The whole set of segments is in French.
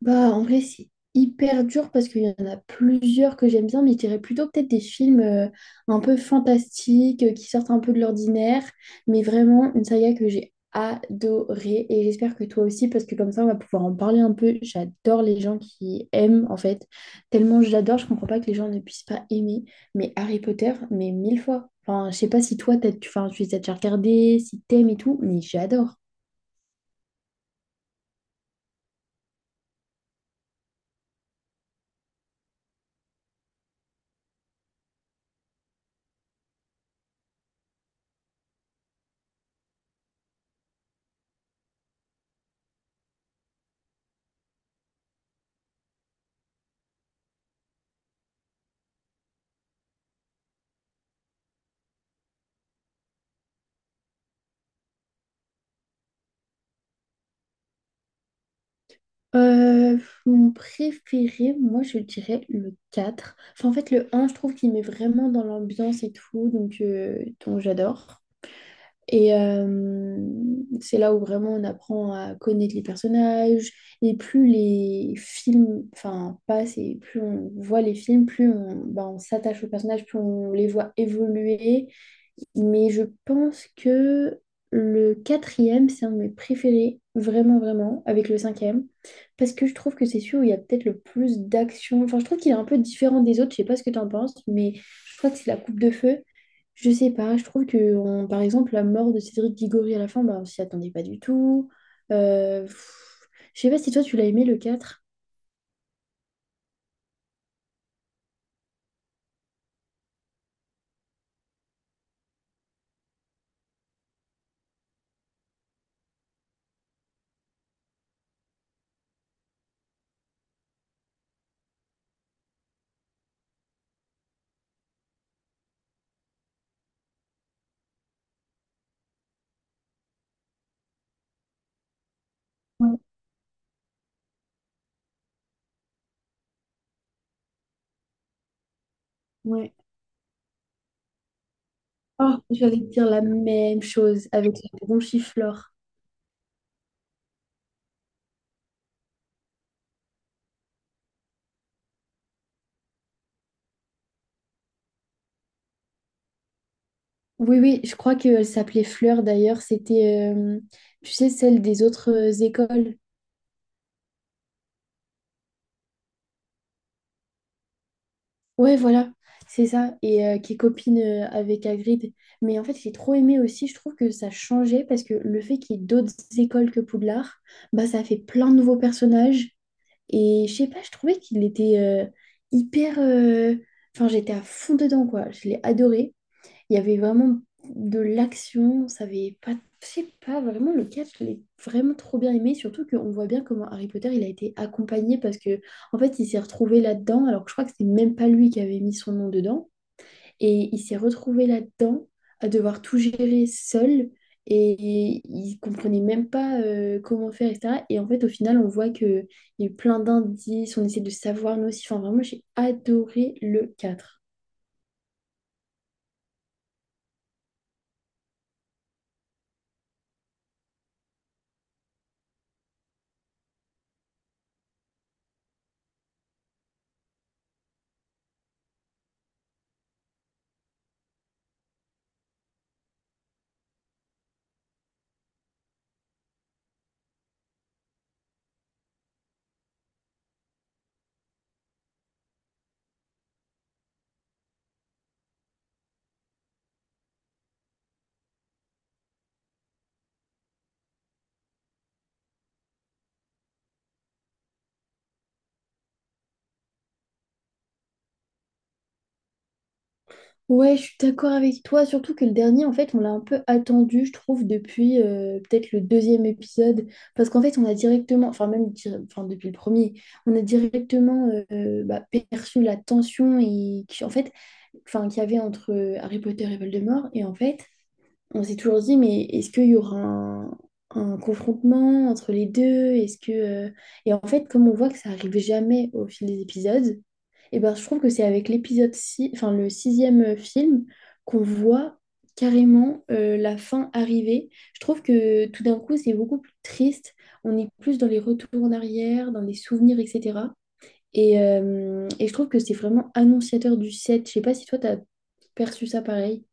Bah, en vrai, c'est hyper dur parce qu'il y en a plusieurs que j'aime bien, mais je dirais plutôt peut-être des films un peu fantastiques, qui sortent un peu de l'ordinaire, mais vraiment une saga que j'ai adorée et j'espère que toi aussi, parce que comme ça, on va pouvoir en parler un peu. J'adore les gens qui aiment, en fait. Tellement j'adore je comprends pas que les gens ne puissent pas aimer, mais Harry Potter, mais mille fois. Enfin, je sais pas si toi, tu, enfin, tu les as déjà regardés, si t'aimes et tout, mais j'adore. Euh, mon préféré, moi je dirais le 4. Enfin, en fait, le un, je trouve qu'il met vraiment dans l'ambiance et tout, donc j'adore. Et c'est là où vraiment on apprend à connaître les personnages. Et plus les films, enfin, passent et plus on voit les films, plus on, ben, on s'attache aux personnages, plus on les voit évoluer. Mais je pense que le quatrième, c'est un de mes préférés, vraiment, vraiment, avec le cinquième. Parce que je trouve que c'est celui où il y a peut-être le plus d'action. Enfin, je trouve qu'il est un peu différent des autres. Je sais pas ce que tu en penses, mais je crois que c'est la coupe de feu. Je sais pas, je trouve que par exemple la mort de Cédric Diggory à la fin, bah, on s'y attendait pas du tout. Euh, pff, je sais pas si toi tu l'as aimé le quatre. Ouais, ouais. Oh, j'allais te dire la même chose avec la bronchiflore. Oui, oui, je crois qu'elle s'appelait Fleur d'ailleurs. C'était, tu sais, celle des autres écoles. Ouais, voilà, c'est ça. Et qui est copine avec Hagrid. Mais en fait, j'ai trop aimé aussi. Je trouve que ça changeait parce que le fait qu'il y ait d'autres écoles que Poudlard, bah, ça a fait plein de nouveaux personnages. Et je sais pas, je trouvais qu'il était hyper, enfin, j'étais à fond dedans, quoi. Je l'ai adoré. Il y avait vraiment de l'action, ça avait pas, je sais pas, vraiment le 4 je l'ai vraiment trop bien aimé, surtout qu'on voit bien comment Harry Potter, il a été accompagné parce que en fait, il s'est retrouvé là-dedans, alors que je crois que c'est même pas lui qui avait mis son nom dedans, et il s'est retrouvé là-dedans à devoir tout gérer seul, et il comprenait même pas comment faire, etc. Et en fait, au final, on voit que il y a eu plein d'indices, on essaie de savoir nous aussi, enfin vraiment, j'ai adoré le quatre. Ouais, je suis d'accord avec toi, surtout que le dernier, en fait, on l'a un peu attendu, je trouve, depuis peut-être le deuxième épisode, parce qu'en fait, on a directement, enfin même enfin, depuis le premier, on a directement bah, perçu la tension et qui, en fait, enfin, qu'il y avait entre Harry Potter et Voldemort, et en fait, on s'est toujours dit, mais est-ce qu'il y aura un confrontement entre les deux? Est-ce que... Et en fait, comme on voit que ça arrive jamais au fil des épisodes, et ben, je trouve que c'est avec l'épisode 6 enfin le sixième film, qu'on voit carrément la fin arriver. Je trouve que tout d'un coup, c'est beaucoup plus triste. On est plus dans les retours en arrière, dans les souvenirs, etc. Et je trouve que c'est vraiment annonciateur du sept. Je sais pas si toi, t'as perçu ça pareil.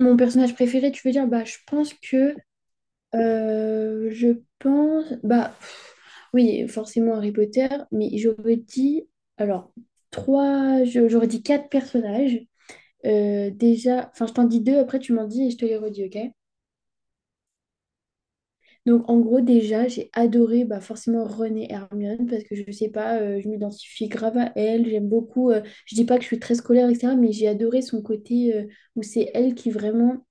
Mon personnage préféré, tu veux dire, bah, je pense que je pense, bah oui, forcément Harry Potter, mais j'aurais dit, alors, trois, j'aurais dit quatre personnages. Déjà, enfin, je t'en dis deux, après tu m'en dis et je te les redis, ok? Donc, en gros, déjà, j'ai adoré bah, forcément Ron et Hermione parce que je sais pas, je m'identifie grave à elle, j'aime beaucoup, je dis pas que je suis très scolaire, etc., mais j'ai adoré son côté où c'est elle qui vraiment.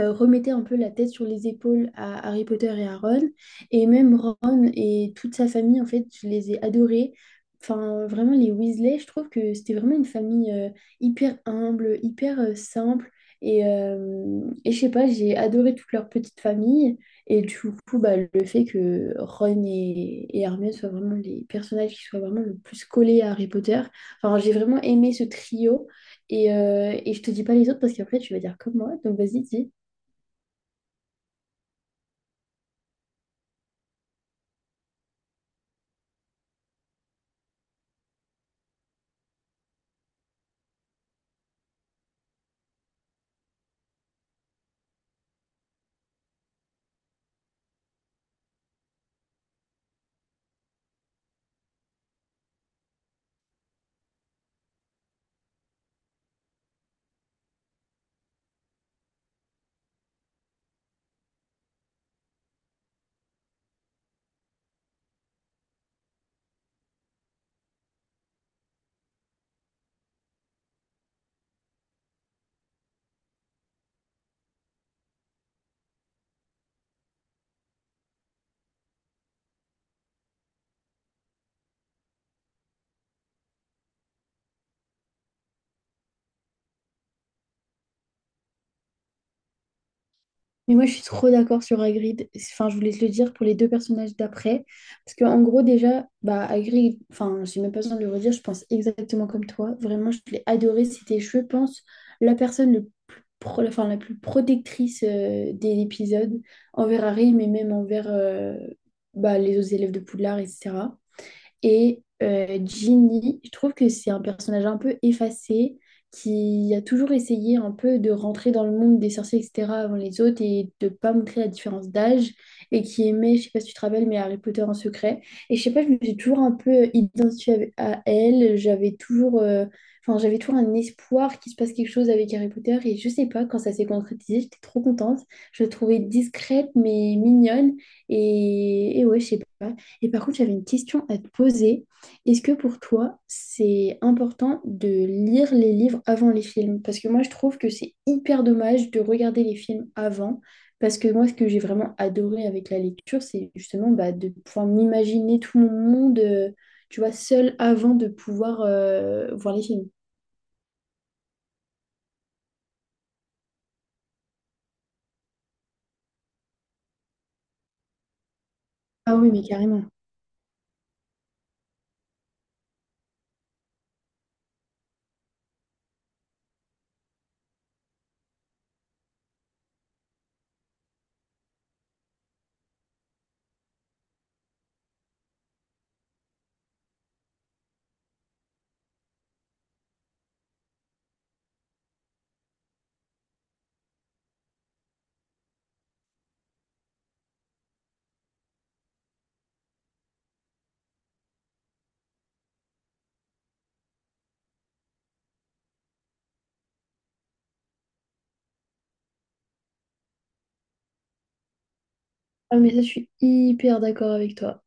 euh, remettait un peu la tête sur les épaules à Harry Potter et à Ron. Et même Ron et toute sa famille, en fait, je les ai adorés. Enfin, vraiment, les Weasley, je trouve que c'était vraiment une famille hyper humble, hyper simple. Et je sais pas, j'ai adoré toute leur petite famille. Et du coup, bah, le fait que Ron et Hermione soient vraiment les personnages qui soient vraiment le plus collés à Harry Potter. Enfin, j'ai vraiment aimé ce trio. Et je te dis pas les autres parce qu'après, tu vas dire comme moi. Donc, vas-y, dis. Mais moi, je suis trop d'accord sur Hagrid. Enfin, je voulais te le dire pour les deux personnages d'après. Parce qu'en gros, déjà, bah, Hagrid, enfin, j'ai même pas besoin de le redire, je pense exactement comme toi. Vraiment, je l'ai adoré. C'était, je pense, la personne le plus enfin, la plus protectrice des épisodes envers Harry, mais même envers bah, les autres élèves de Poudlard, etc. Et Ginny, je trouve que c'est un personnage un peu effacé, qui a toujours essayé un peu de rentrer dans le monde des sorciers, etc., avant les autres, et de pas montrer la différence d'âge, et qui aimait, je sais pas si tu te rappelles, mais Harry Potter en secret. Et je sais pas, je me suis toujours un peu identifiée à elle, j'avais toujours, enfin, j'avais toujours un espoir qu'il se passe quelque chose avec Harry Potter, et je sais pas, quand ça s'est concrétisé, j'étais trop contente. Je la trouvais discrète, mais mignonne, et, ouais, je sais pas. Et par contre, j'avais une question à te poser. Est-ce que pour toi, c'est important de lire les livres avant les films? Parce que moi, je trouve que c'est hyper dommage de regarder les films avant. Parce que moi, ce que j'ai vraiment adoré avec la lecture, c'est justement bah, de pouvoir m'imaginer tout mon monde, tu vois, seul avant de pouvoir voir les films. Ah oui, mais carrément. Ah, mais ça, je suis hyper d'accord avec toi.